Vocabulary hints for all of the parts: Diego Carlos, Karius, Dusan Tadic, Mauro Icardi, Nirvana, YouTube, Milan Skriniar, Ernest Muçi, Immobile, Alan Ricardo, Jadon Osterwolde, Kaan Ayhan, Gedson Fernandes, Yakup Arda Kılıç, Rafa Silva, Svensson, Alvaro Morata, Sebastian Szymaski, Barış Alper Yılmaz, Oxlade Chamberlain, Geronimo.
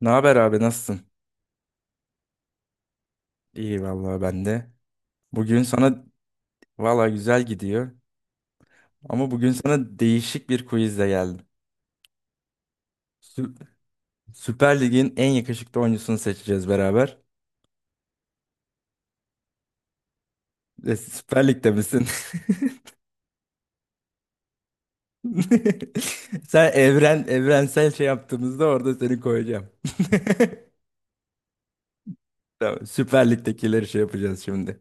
Ne haber abi nasılsın? İyi vallahi ben de. Bugün sana vallahi güzel gidiyor. Ama bugün sana değişik bir quizle geldim. Sü- Süper Lig'in en yakışıklı oyuncusunu seçeceğiz beraber. E, Süper Lig'de misin? Sen evrensel şey yaptığımızda orada seni koyacağım. Tamam, Süper Lig'dekileri şey yapacağız şimdi.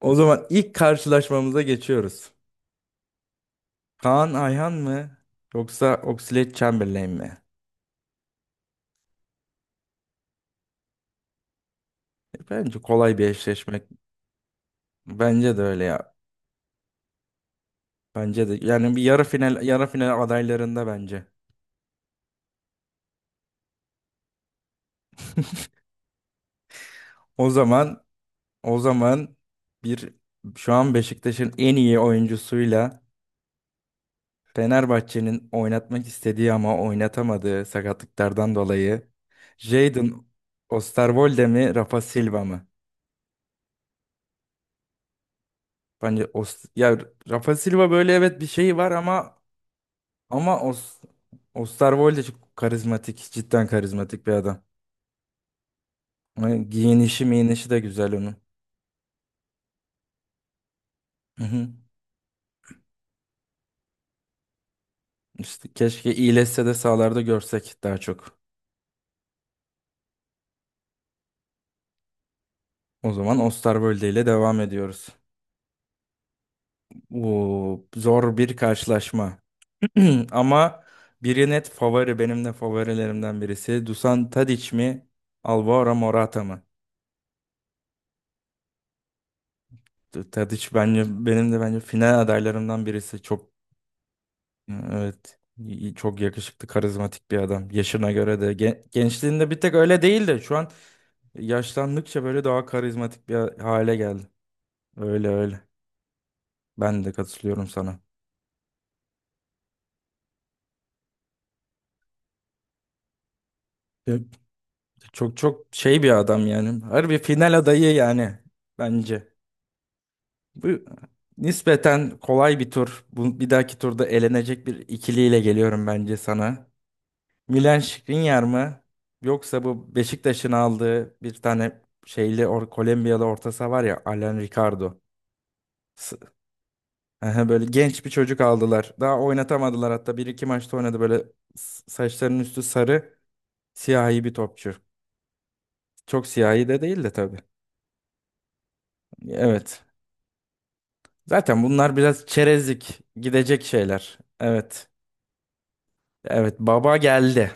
O zaman ilk karşılaşmamıza geçiyoruz. Kaan Ayhan mı yoksa Oxlade Chamberlain mi? Bence kolay bir eşleşme. Bence de öyle ya. Bence de. Yani bir yarı final adaylarında bence. O zaman o zaman bir şu an Beşiktaş'ın en iyi oyuncusuyla Fenerbahçe'nin oynatmak istediği ama oynatamadığı sakatlıklardan dolayı Jadon Osterwolde mi Rafa Silva mı? Bence ya Rafa Silva böyle evet bir şey var ama Osterwolde çok karizmatik, cidden karizmatik bir adam. Yani giyinişi, miyinişi de güzel onun. Hı hı. İşte keşke iyileşse de sahalarda görsek daha çok. O zaman Osterwolde ile devam ediyoruz. Oo, zor bir karşılaşma. Ama biri net favori. Benim de favorilerimden birisi. Dusan Tadic mi? Alvaro Morata mı? Tadic bence benim de bence final adaylarımdan birisi. Çok evet, çok yakışıklı, karizmatik bir adam. Yaşına göre de gençliğinde bir tek öyle değildi. Şu an yaşlandıkça böyle daha karizmatik bir hale geldi. Öyle öyle. Ben de katılıyorum sana. Ya, çok çok şey bir adam yani. Harbi final adayı yani bence. Bu nispeten kolay bir tur. Bu bir dahaki turda elenecek bir ikiliyle geliyorum bence sana. Milan Skriniar mı? Yoksa bu Beşiktaş'ın aldığı bir tane şeyli or Kolombiyalı orta saha var ya, Alan Ricardo. S- Aha, böyle genç bir çocuk aldılar. Daha oynatamadılar, hatta bir iki maçta oynadı böyle, saçlarının üstü sarı, siyahi bir topçu. Çok siyahi de değil de tabii. Evet. Zaten bunlar biraz çerezlik gidecek şeyler. Evet. Evet, baba geldi.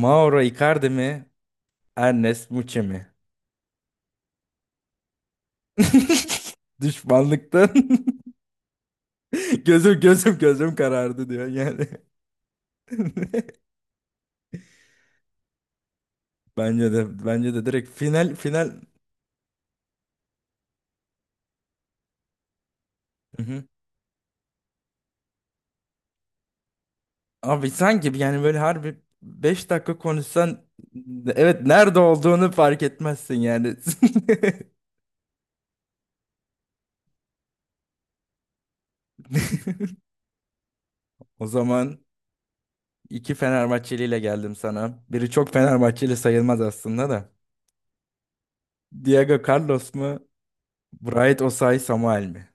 Mauro Icardi mi? Ernest Muçi mi? Düşmanlıktan gözüm gözüm gözüm karardı diyor yani. Bence de direkt final. Hı hı. Abi sanki yani böyle harbi 5 dakika konuşsan, evet, nerede olduğunu fark etmezsin yani. O zaman İki Fenerbahçeliyle geldim sana. Biri çok Fenerbahçeli sayılmaz aslında da. Diego Carlos mu? Bright Osay Samuel mi?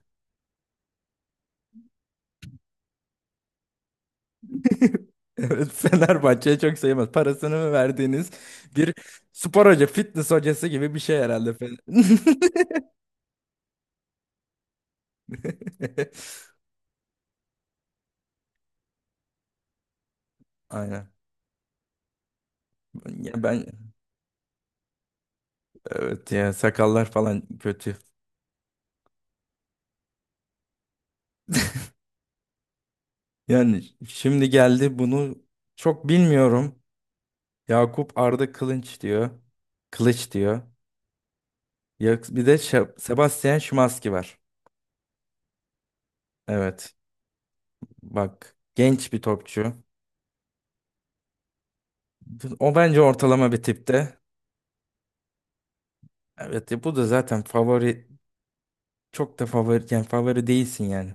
Evet, Fenerbahçe'ye çok sayılmaz. Parasını mı verdiğiniz bir spor hoca, fitness hocası gibi bir şey herhalde. Aynen. Ya ben, evet, ya sakallar falan kötü. Yani şimdi geldi bunu çok bilmiyorum. Yakup Arda Kılıç diyor. Kılıç diyor. Bir de Sebastian Szymaski var. Evet. Bak, genç bir topçu. O bence ortalama bir tipte. Evet ya, bu da zaten favori, çok da favori, yani favori değilsin yani.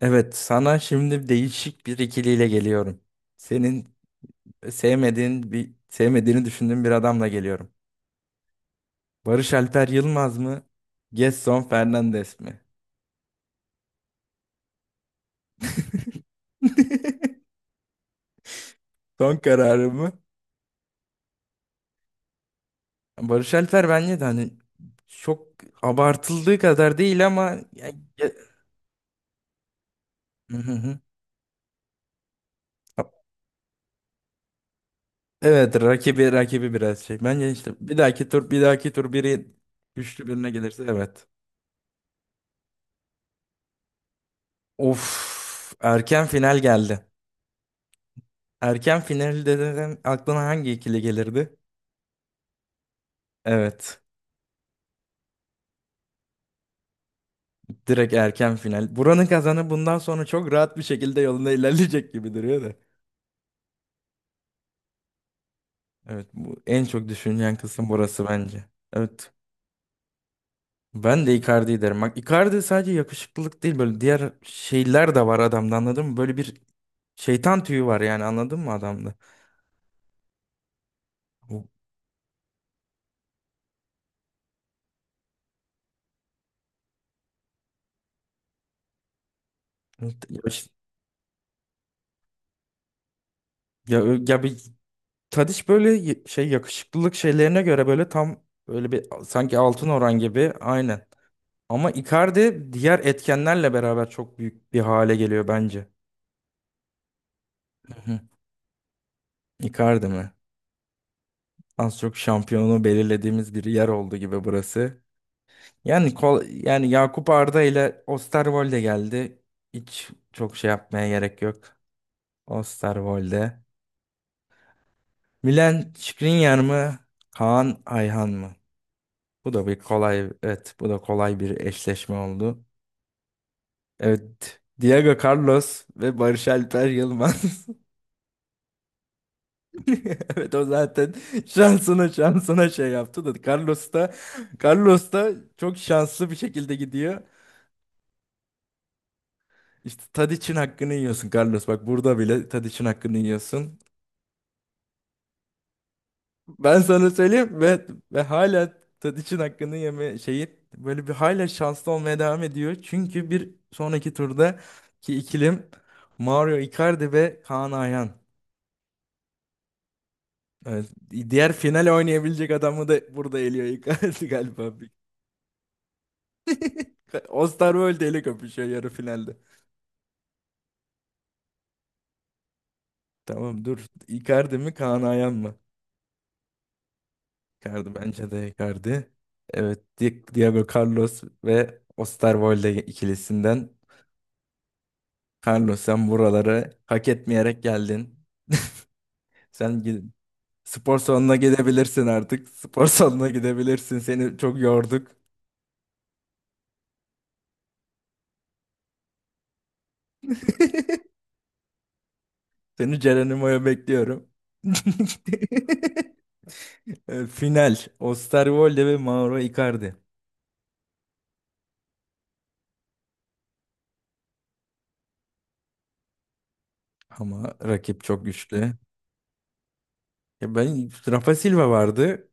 Evet, sana şimdi değişik bir ikiliyle geliyorum. Senin sevmediğini düşündüğün bir adamla geliyorum. Barış Alper Yılmaz mı? Gedson Fernandes mi? Son kararı mı? Barış Alper bence de hani çok abartıldığı kadar değil ama ya- ya- Hı hı hı. Evet, rakibi biraz şey. Bence işte bir dahaki tur biri güçlü birine gelirse evet. Of, erken final geldi. Erken final dediğin aklına hangi ikili gelirdi? Evet. Direkt erken final. Buranın kazanı bundan sonra çok rahat bir şekilde yolunda ilerleyecek gibi duruyor da. Evet, bu en çok düşünülen kısım burası bence. Evet. Ben de Icardi'yi derim. Bak, Icardi sadece yakışıklılık değil, böyle diğer şeyler de var adamda, anladın mı? Böyle bir şeytan tüyü var yani, anladın mı adamda? Evet, ya, ya, ya bir Tadiç böyle, şey, yakışıklılık şeylerine göre böyle tam, böyle bir sanki altın oran gibi, aynen. Ama Icardi diğer etkenlerle beraber çok büyük bir hale geliyor bence. Hı hı. Icardi mi? Az çok şampiyonu belirlediğimiz bir yer oldu gibi burası. Yani Yakup Arda ile Osterwolde geldi. Hiç çok şey yapmaya gerek yok. Osterwolde. Milan Skriniar mı? Kaan Ayhan mı? Bu da bir kolay, evet, bu da kolay bir eşleşme oldu. Evet, Diego Carlos ve Barış Alper Yılmaz. Evet, o zaten şansına şey yaptı da, Carlos da Carlos da çok şanslı bir şekilde gidiyor. İşte Tadic'in hakkını yiyorsun Carlos. Bak, burada bile Tadic'in hakkını yiyorsun. Ben sana söyleyeyim ve hala Tadiç'in hakkını yeme şeyi böyle bir, hala şanslı olmaya devam ediyor. Çünkü bir sonraki turda ki ikilim Mario Icardi ve Kaan Ayhan. Evet, diğer final oynayabilecek adamı da burada eliyor Icardi galiba. Osterwolde ile kapışıyor yarı finalde. Tamam, dur. Icardi mi Kaan Ayhan mı? Icardi, bence de Icardi. Evet, Diego Carlos ve Osterwolde ikilisinden Carlos, sen buraları hak etmeyerek geldin. Sen spor salonuna gidebilirsin artık. Spor salonuna gidebilirsin. Seni çok yorduk. Seni Geronimo'ya bekliyorum. Final. Osterwolde ve Mauro Icardi. Ama rakip çok güçlü. Ya, ben, Rafa Silva vardı.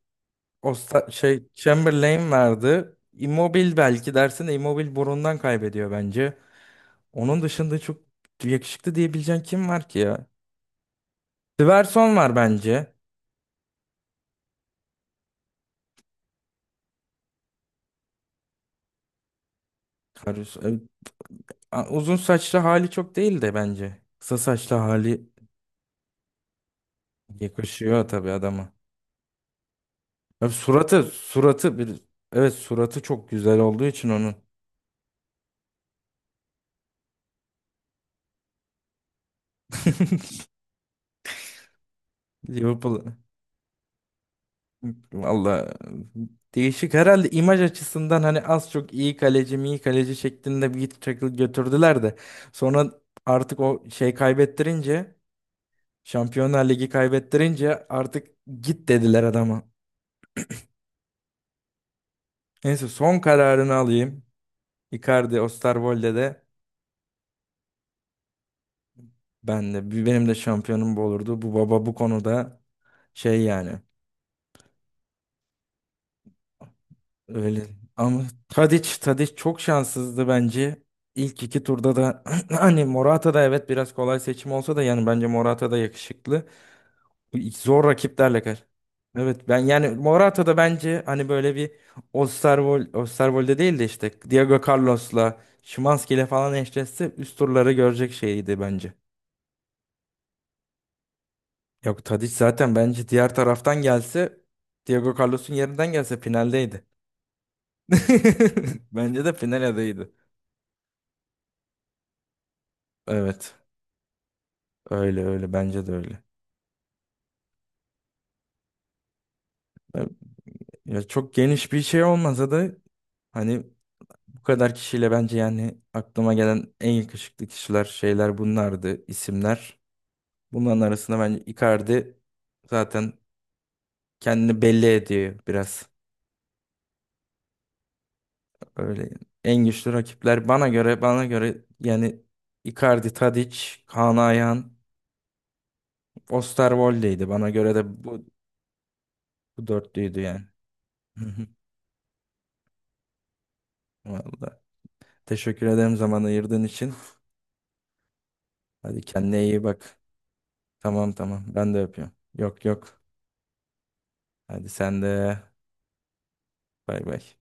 Şey, Chamberlain vardı. Immobile belki dersin de Immobile burundan kaybediyor bence. Onun dışında çok yakışıklı diyebileceğin kim var ki ya? Svensson var bence. Karius. Uzun saçlı hali çok değil de bence. Kısa saçlı hali yakışıyor tabii adama. Abi, suratı bir, evet, suratı çok güzel olduğu için onun. Liverpool valla değişik herhalde imaj açısından, hani az çok iyi kaleci mi iyi kaleci şeklinde bir git çakıl götürdüler de, sonra artık o şey kaybettirince, Şampiyonlar Ligi kaybettirince, artık git dediler adama. Neyse, son kararını alayım. Icardi, Osterwolde de, ben de. Benim de şampiyonum bu olurdu. Bu baba bu konuda şey yani. Öyle. Ama Tadic, Tadic çok şanssızdı bence. İlk iki turda da hani Morata da, evet biraz kolay seçim olsa da, yani bence Morata da yakışıklı. Bu ilk zor rakiplerle kar. Evet, ben yani Morata da bence hani böyle bir Osterwold'de değil de işte Diego Carlos'la, Szymański'yle falan eşleşse üst turları görecek şeydi bence. Yok, Tadic zaten bence diğer taraftan gelse, Diego Carlos'un yerinden gelse, finaldeydi. Bence de final adayıydı. Evet. Öyle öyle, bence de öyle. Ya ya, çok geniş bir şey olmasa da hani, bu kadar kişiyle bence, yani aklıma gelen en yakışıklı kişiler, şeyler bunlardı, isimler. Bunların arasında bence Icardi zaten kendini belli ediyor biraz. Öyle, en güçlü rakipler bana göre, yani Icardi, Tadic, Kaan Ayhan, Osterwold'deydi. Bana göre de bu dörtlüydü yani. Hı hı. Vallahi. Teşekkür ederim zaman ayırdığın için. Hadi, kendine iyi bak. Tamam tamam. Ben de öpüyorum. Yok yok. Hadi sen de. Bay bay.